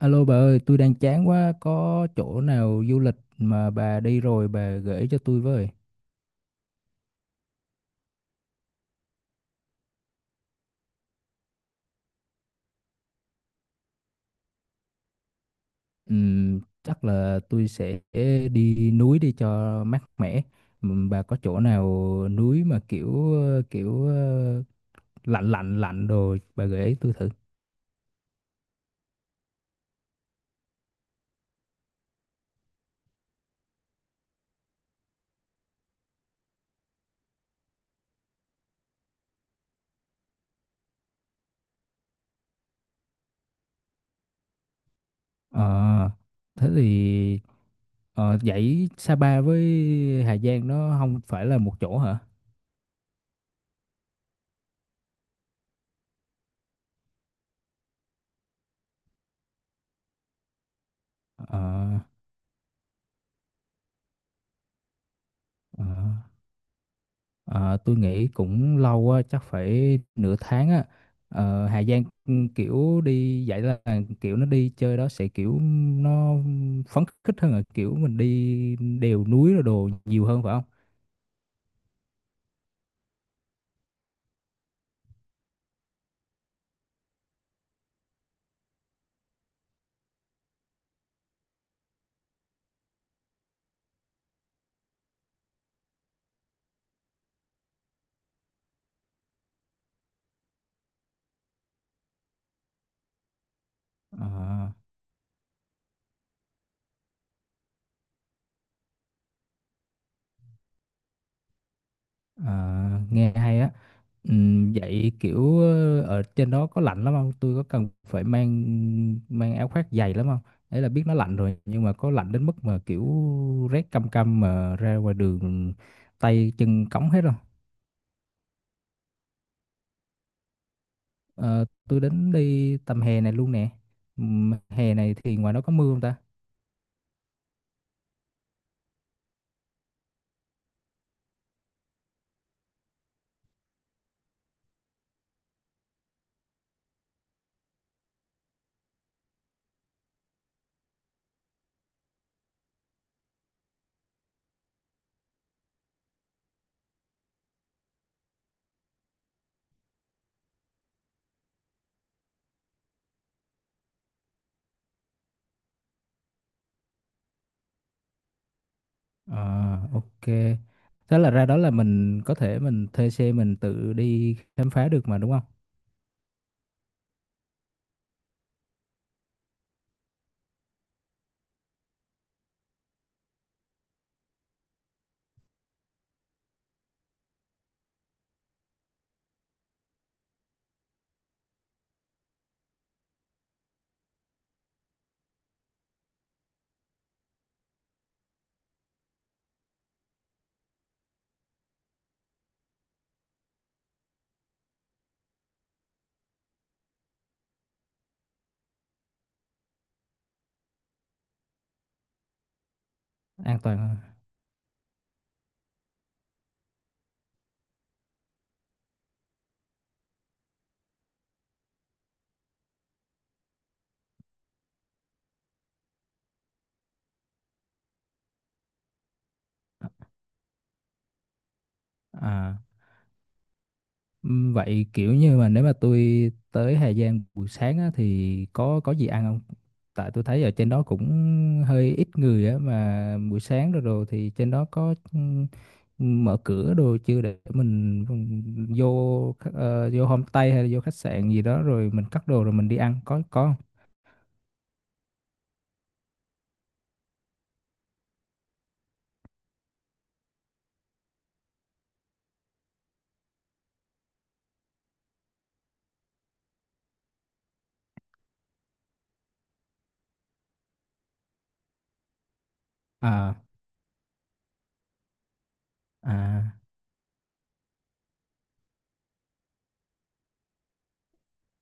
Alo bà ơi, tôi đang chán quá, có chỗ nào du lịch mà bà đi rồi bà gửi cho tôi với. Chắc là tôi sẽ đi núi đi cho mát mẻ. Bà có chỗ nào núi mà kiểu kiểu lạnh lạnh lạnh đồ bà gửi tôi thử. Ờ, thế thì vậy Sapa với Hà Giang nó không phải là một chỗ hả? Ờ, ờ. Ờ, tôi nghĩ cũng lâu á, chắc phải nửa tháng á. Ờ, Hà Giang kiểu đi vậy là kiểu nó đi chơi đó sẽ kiểu nó phấn khích hơn là kiểu mình đi đèo núi rồi đồ nhiều hơn phải không? Ờ, ờ, nghe hay á. Vậy kiểu ở trên đó có lạnh lắm không? Tôi có cần phải mang mang áo khoác dày lắm không? Đấy là biết nó lạnh rồi, nhưng mà có lạnh đến mức mà kiểu rét căm căm mà ra ngoài đường tay chân cống hết không? Ờ, tôi đến đi tầm hè này luôn nè. Hè này thì ngoài đó có mưa không ta? Ờ, ok. Thế là ra đó là mình có thể mình thuê xe mình tự đi khám phá được mà đúng không? An toàn hơn. À. Vậy kiểu như mà nếu mà tôi tới Hà Giang buổi sáng á, thì có gì ăn không? Tại tôi thấy ở trên đó cũng hơi ít người á, mà buổi sáng rồi rồi thì trên đó có mở cửa đồ chưa, để mình vô vô homestay hay là vô khách sạn gì đó rồi mình cắt đồ rồi mình đi ăn có không? À, à,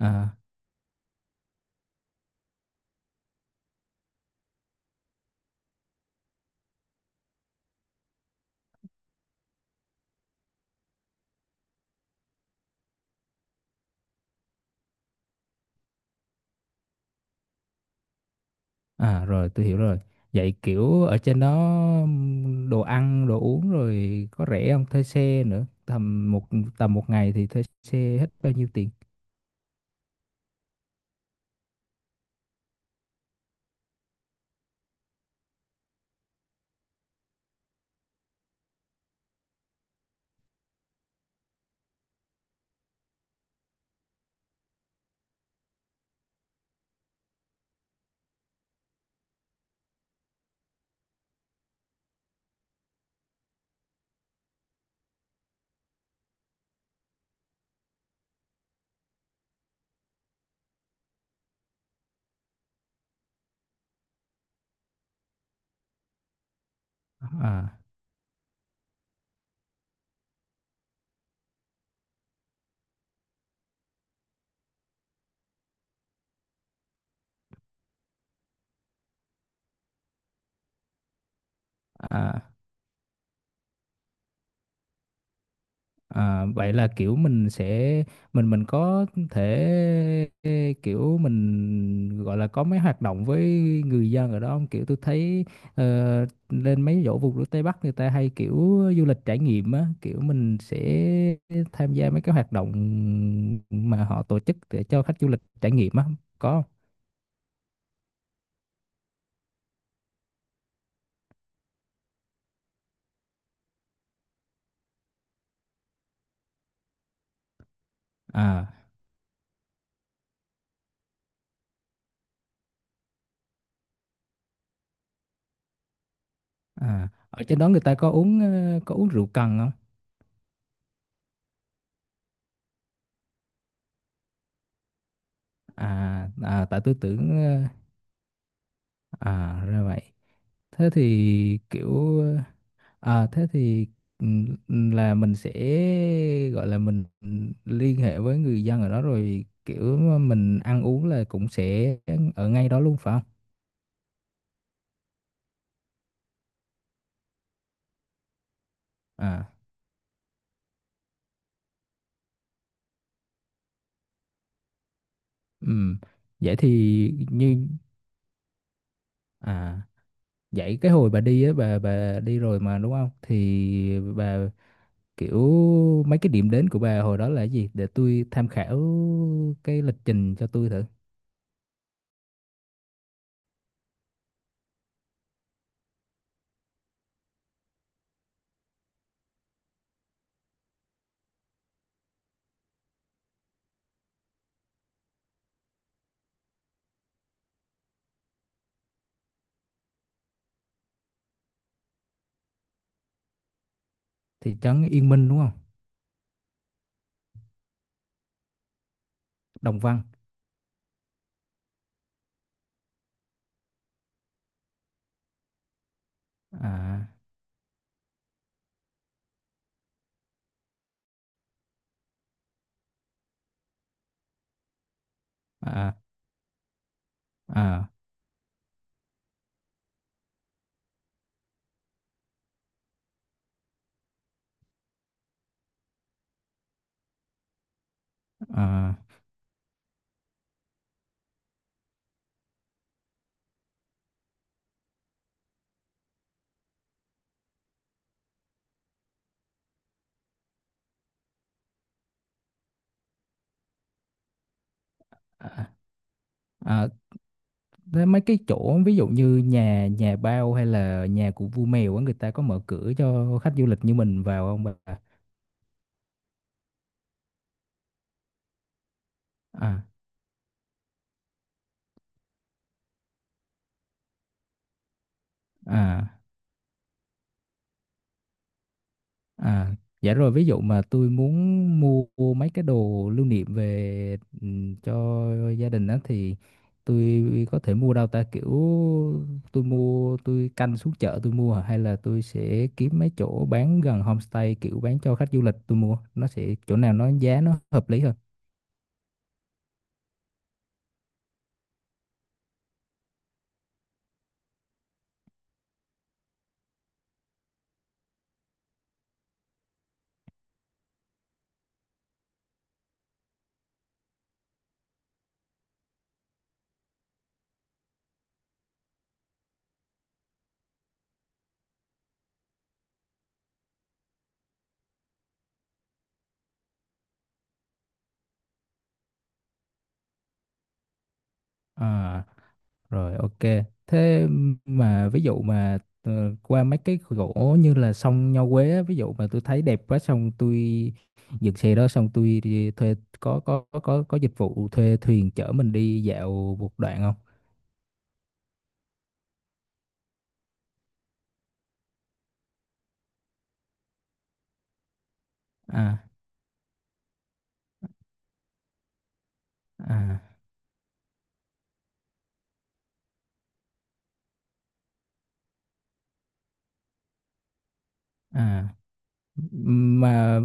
à. À, rồi tôi hiểu rồi. Vậy kiểu ở trên đó đồ ăn, đồ uống rồi có rẻ không? Thuê xe nữa. Tầm một ngày thì thuê xe hết bao nhiêu tiền? À, à. À, vậy là kiểu mình có thể kiểu mình gọi là có mấy hoạt động với người dân ở đó không? Kiểu tôi thấy lên mấy chỗ vùng đất Tây Bắc người ta hay kiểu du lịch trải nghiệm á, kiểu mình sẽ tham gia mấy cái hoạt động mà họ tổ chức để cho khách du lịch trải nghiệm á, có không? À, à, ở trên đó người ta có uống có uống rượu cần không? À, à, tại tôi tưởng ờ, À ra vậy. Thế thì kiểu thế thì là mình sẽ gọi là mình liên hệ với người dân ở đó rồi kiểu mình ăn uống là cũng sẽ ở ngay đó luôn phải không? À ừm. Vậy thì như à vậy cái hồi bà đi á, bà đi rồi mà đúng không? Thì bà kiểu mấy cái điểm đến của bà hồi đó là cái gì để tôi tham khảo cái lịch trình cho tôi thử. Thị trấn Yên Minh đúng không? Đồng Văn. À, à, à, à, à, à, thế mấy cái chỗ ví dụ như nhà nhà bao hay là nhà của vua mèo á, người ta có mở cửa cho khách du lịch như mình vào không bà? À, à, à. Dạ rồi, ví dụ mà tôi muốn mua mấy cái đồ lưu niệm về cho gia đình á, thì tôi có thể mua đâu ta, kiểu tôi mua tôi canh xuống chợ tôi mua hả? Hay là tôi sẽ kiếm mấy chỗ bán gần homestay kiểu bán cho khách du lịch tôi mua, nó sẽ chỗ nào nó giá nó hợp lý hơn. À, rồi, ok. Thế mà ví dụ mà qua mấy cái gỗ như là sông Nho Quế á, ví dụ mà tôi thấy đẹp quá, xong tôi dựng xe đó, xong tôi đi thuê có dịch vụ thuê thuyền chở mình đi dạo một đoạn không? À, à, à, mà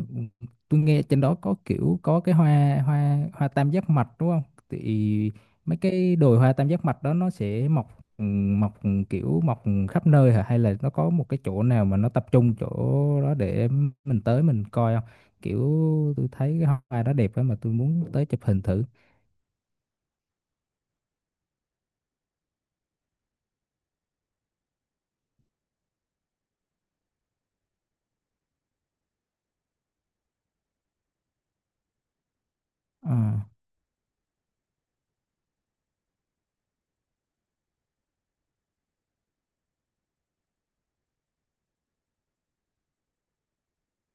tôi nghe trên đó có kiểu có cái hoa hoa hoa tam giác mạch đúng không, thì mấy cái đồi hoa tam giác mạch đó nó sẽ ừ, mọc kiểu mọc khắp nơi hả, hay là nó có một cái chỗ nào mà nó tập trung chỗ đó để mình tới mình coi không, kiểu tôi thấy cái hoa đó đẹp á mà tôi muốn tới chụp hình thử. À.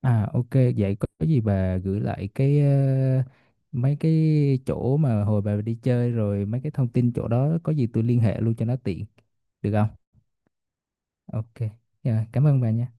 À, ok, vậy có gì bà gửi lại cái mấy cái chỗ mà hồi bà đi chơi rồi, mấy cái thông tin chỗ đó, có gì tôi liên hệ luôn cho nó tiện được không? Ok. Dạ, cảm ơn bà nha.